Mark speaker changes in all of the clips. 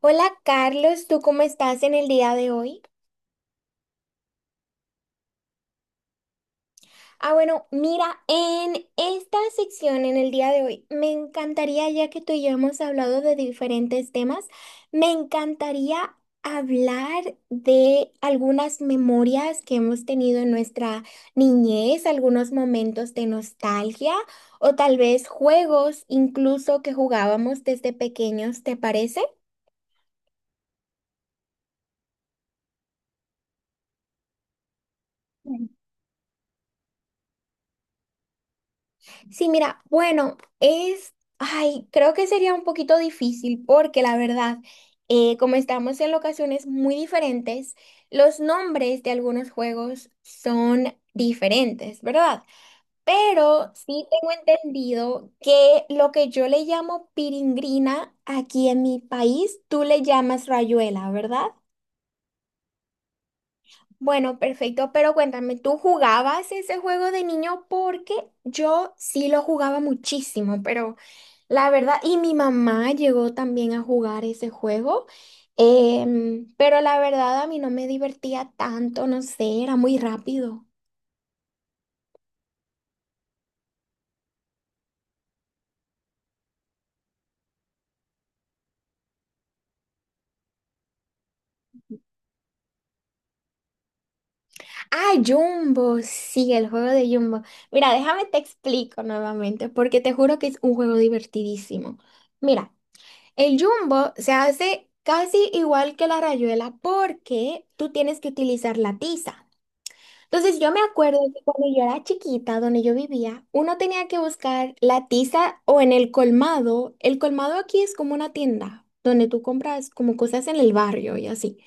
Speaker 1: Hola Carlos, ¿tú cómo estás en el día de hoy? Ah, bueno, mira, en esta sección, en el día de hoy, me encantaría, ya que tú y yo hemos hablado de diferentes temas, me encantaría hablar de algunas memorias que hemos tenido en nuestra niñez, algunos momentos de nostalgia o tal vez juegos incluso que jugábamos desde pequeños, ¿te parece? Sí, mira, bueno, ay, creo que sería un poquito difícil porque la verdad, como estamos en locaciones muy diferentes, los nombres de algunos juegos son diferentes, ¿verdad? Pero sí tengo entendido que lo que yo le llamo piringrina aquí en mi país, tú le llamas rayuela, ¿verdad? Bueno, perfecto, pero cuéntame, ¿tú jugabas ese juego de niño? Porque yo sí lo jugaba muchísimo, pero... La verdad, y mi mamá llegó también a jugar ese juego, pero la verdad a mí no me divertía tanto, no sé, era muy rápido. Ah, Jumbo, sí, el juego de Jumbo. Mira, déjame te explico nuevamente, porque te juro que es un juego divertidísimo. Mira, el Jumbo se hace casi igual que la rayuela porque tú tienes que utilizar la tiza. Entonces yo me acuerdo que cuando yo era chiquita, donde yo vivía, uno tenía que buscar la tiza o en el colmado. El colmado aquí es como una tienda donde tú compras como cosas en el barrio y así.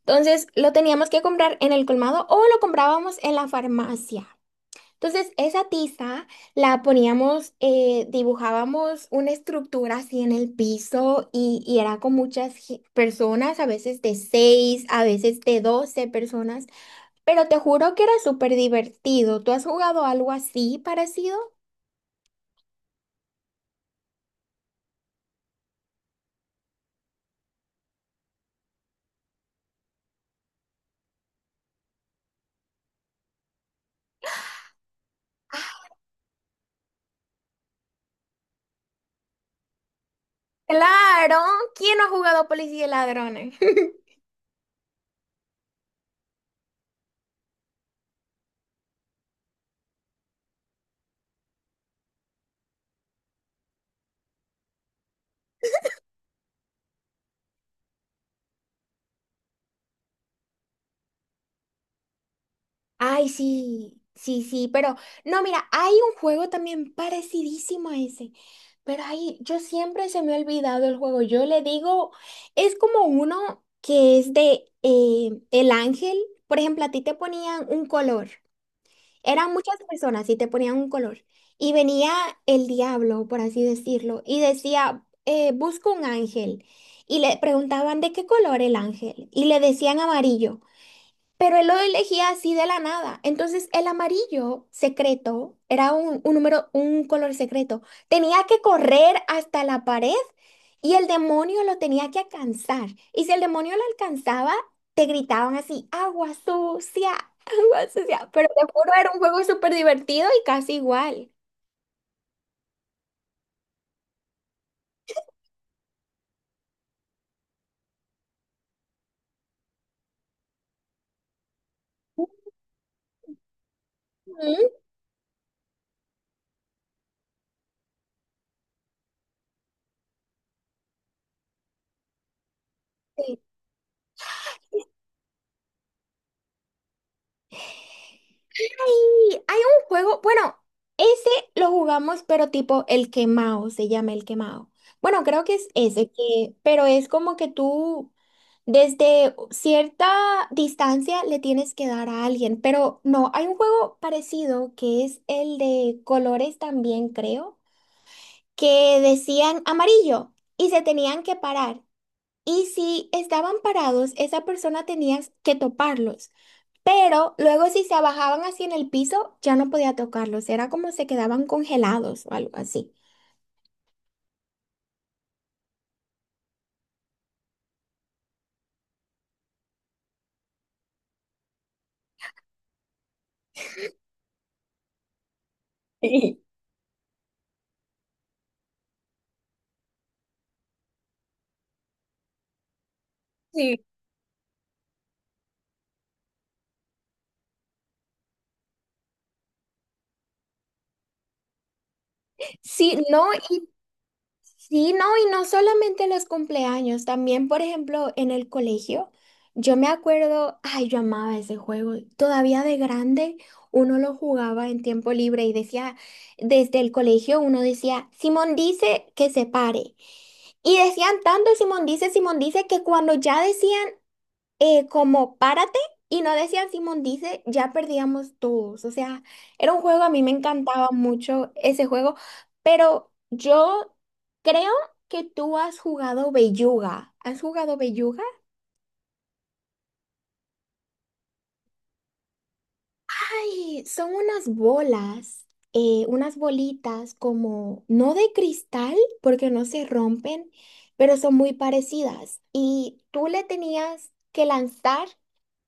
Speaker 1: Entonces lo teníamos que comprar en el colmado o lo comprábamos en la farmacia. Entonces esa tiza la poníamos, dibujábamos una estructura así en el piso y era con muchas personas, a veces de seis, a veces de 12 personas. Pero te juro que era súper divertido. ¿Tú has jugado algo así parecido? Claro, ¿quién no ha jugado Policía y Ladrones? Ay, sí, sí, sí, pero no, mira, hay un juego también parecidísimo a ese, pero ahí yo siempre se me ha olvidado el juego. Yo le digo, es como uno que es de el ángel, por ejemplo, a ti te ponían un color. Eran muchas personas y te ponían un color. Y venía el diablo, por así decirlo, y decía, busco un ángel. Y le preguntaban de qué color el ángel. Y le decían amarillo. Pero él lo elegía así de la nada. Entonces, el amarillo secreto era un número, un color secreto. Tenía que correr hasta la pared y el demonio lo tenía que alcanzar. Y si el demonio lo alcanzaba, te gritaban así, agua sucia, agua sucia. Pero te juro, era un juego súper divertido y casi igual. Ujú. Y hay un juego, bueno, ese lo jugamos, pero tipo el quemado, se llama el quemado. Bueno, creo que es ese que, pero es como que tú desde cierta distancia le tienes que dar a alguien, pero no, hay un juego parecido que es el de colores también, creo, que decían amarillo y se tenían que parar. Y si estaban parados, esa persona tenía que toparlos. Pero luego si se abajaban así en el piso, ya no podía tocarlos. Era como se quedaban congelados o algo así. Sí. Sí. Sí, no, y sí, no, y no solamente en los cumpleaños, también, por ejemplo, en el colegio. Yo me acuerdo, ay, yo amaba ese juego. Todavía de grande, uno lo jugaba en tiempo libre y decía, desde el colegio uno decía, Simón dice que se pare. Y decían tanto Simón dice que cuando ya decían como párate y no decías Simón dice, ya perdíamos todos. O sea, era un juego, a mí me encantaba mucho ese juego, pero yo creo que tú has jugado Belluga. ¿Has jugado Belluga? Ay, son unas bolas, unas bolitas como, no de cristal, porque no se rompen, pero son muy parecidas. Y tú le tenías que lanzar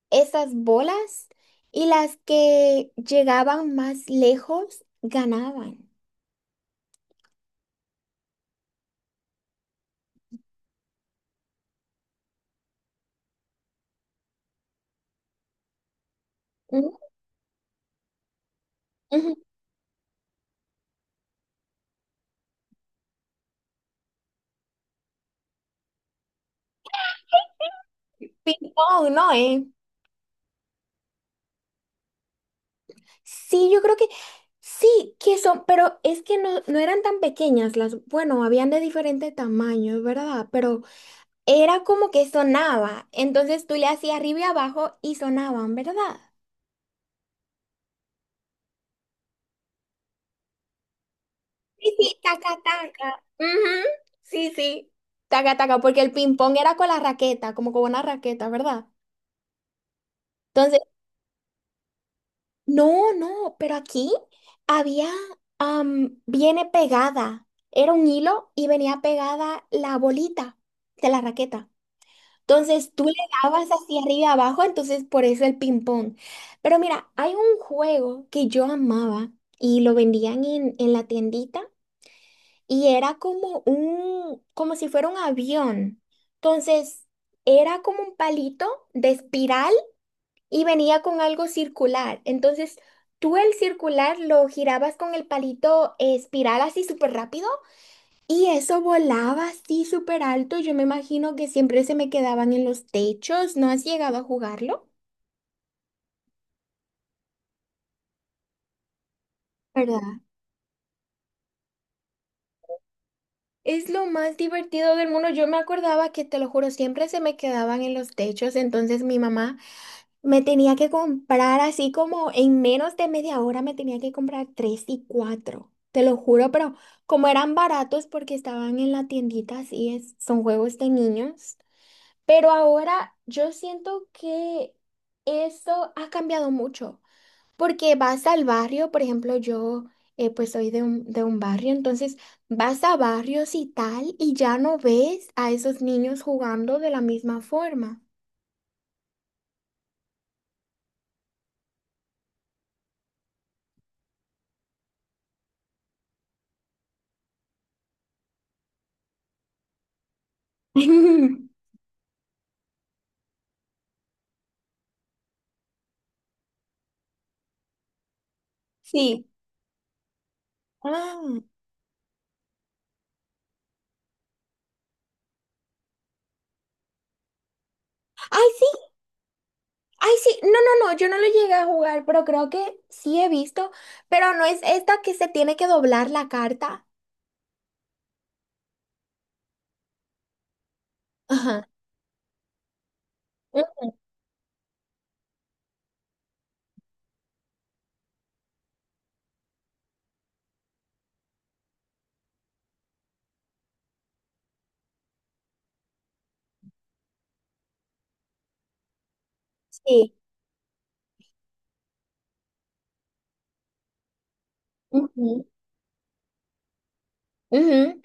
Speaker 1: esas bolas y las que llegaban más lejos ganaban. Ujú, ujú. Ping-pong, ¿no? ¿eh? Sí, yo creo que sí, que son, pero es que no, no eran tan pequeñas las, bueno, habían de diferentes tamaños, ¿verdad? Pero era como que sonaba, entonces tú le hacías arriba y abajo y sonaban, ¿verdad? Sí, sí, taca, taca. Ujú. Sí, sí, taca, taca, porque el ping-pong era con la raqueta, como con una raqueta, ¿verdad? Entonces, no, no, pero aquí había, am, viene pegada. Era un hilo y venía pegada la bolita de la raqueta. Entonces tú le dabas hacia arriba y abajo, entonces por eso el ping-pong. Pero mira, hay un juego que yo amaba y lo vendían en la tiendita y era como un, como si fuera un avión. Entonces era como un palito de espiral y venía con algo circular. Entonces, tú el circular lo girabas con el palito espiral así súper rápido y eso volaba así súper alto. Yo me imagino que siempre se me quedaban en los techos. ¿No has llegado a jugarlo? ¿Verdad? Es lo más divertido del mundo. Yo me acordaba que, te lo juro, siempre se me quedaban en los techos. Entonces mi mamá me tenía que comprar así como en menos de media hora me tenía que comprar tres y cuatro, te lo juro, pero como eran baratos porque estaban en la tiendita, así es, son juegos de niños. Pero ahora yo siento que eso ha cambiado mucho, porque vas al barrio, por ejemplo, yo pues soy de un barrio, entonces vas a barrios y tal y ya no ves a esos niños jugando de la misma forma. Sí. Ah. Ay, sí, ay, sí. No, no, no, yo no lo llegué a jugar, pero creo que sí he visto. Pero no es esta que se tiene que doblar la carta. Ajá. Mm. Sí. Ujú, ujú,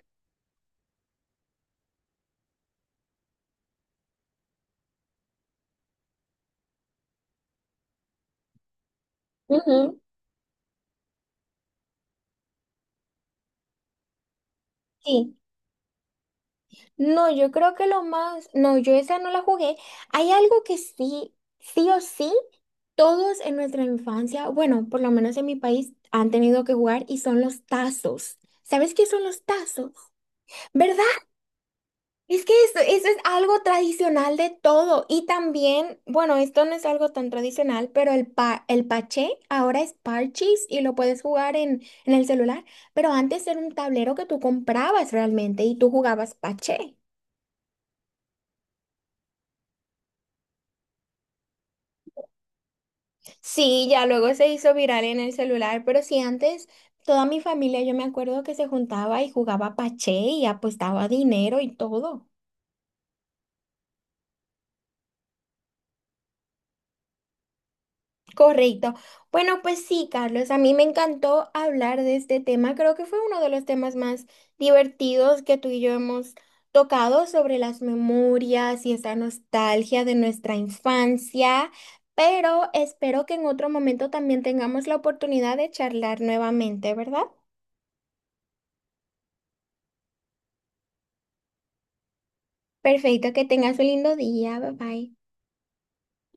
Speaker 1: ujú. Sí. No, yo creo que lo más. No, yo esa no la jugué. Hay algo que sí, sí o sí, todos en nuestra infancia, bueno, por lo menos en mi país, han tenido que jugar y son los tazos. ¿Sabes qué son los tazos? ¿Verdad? Es que esto, eso es algo tradicional de todo. Y también, bueno, esto no es algo tan tradicional, pero el paché ahora es parchís y lo puedes jugar en el celular. Pero antes era un tablero que tú comprabas realmente y tú jugabas paché. Sí, ya luego se hizo viral en el celular, pero sí, antes toda mi familia, yo me acuerdo que se juntaba y jugaba paché y apostaba dinero y todo. Correcto. Bueno, pues sí, Carlos, a mí me encantó hablar de este tema. Creo que fue uno de los temas más divertidos que tú y yo hemos tocado sobre las memorias y esa nostalgia de nuestra infancia, pero espero que en otro momento también tengamos la oportunidad de charlar nuevamente, ¿verdad? Perfecto, que tengas un lindo día. Bye bye.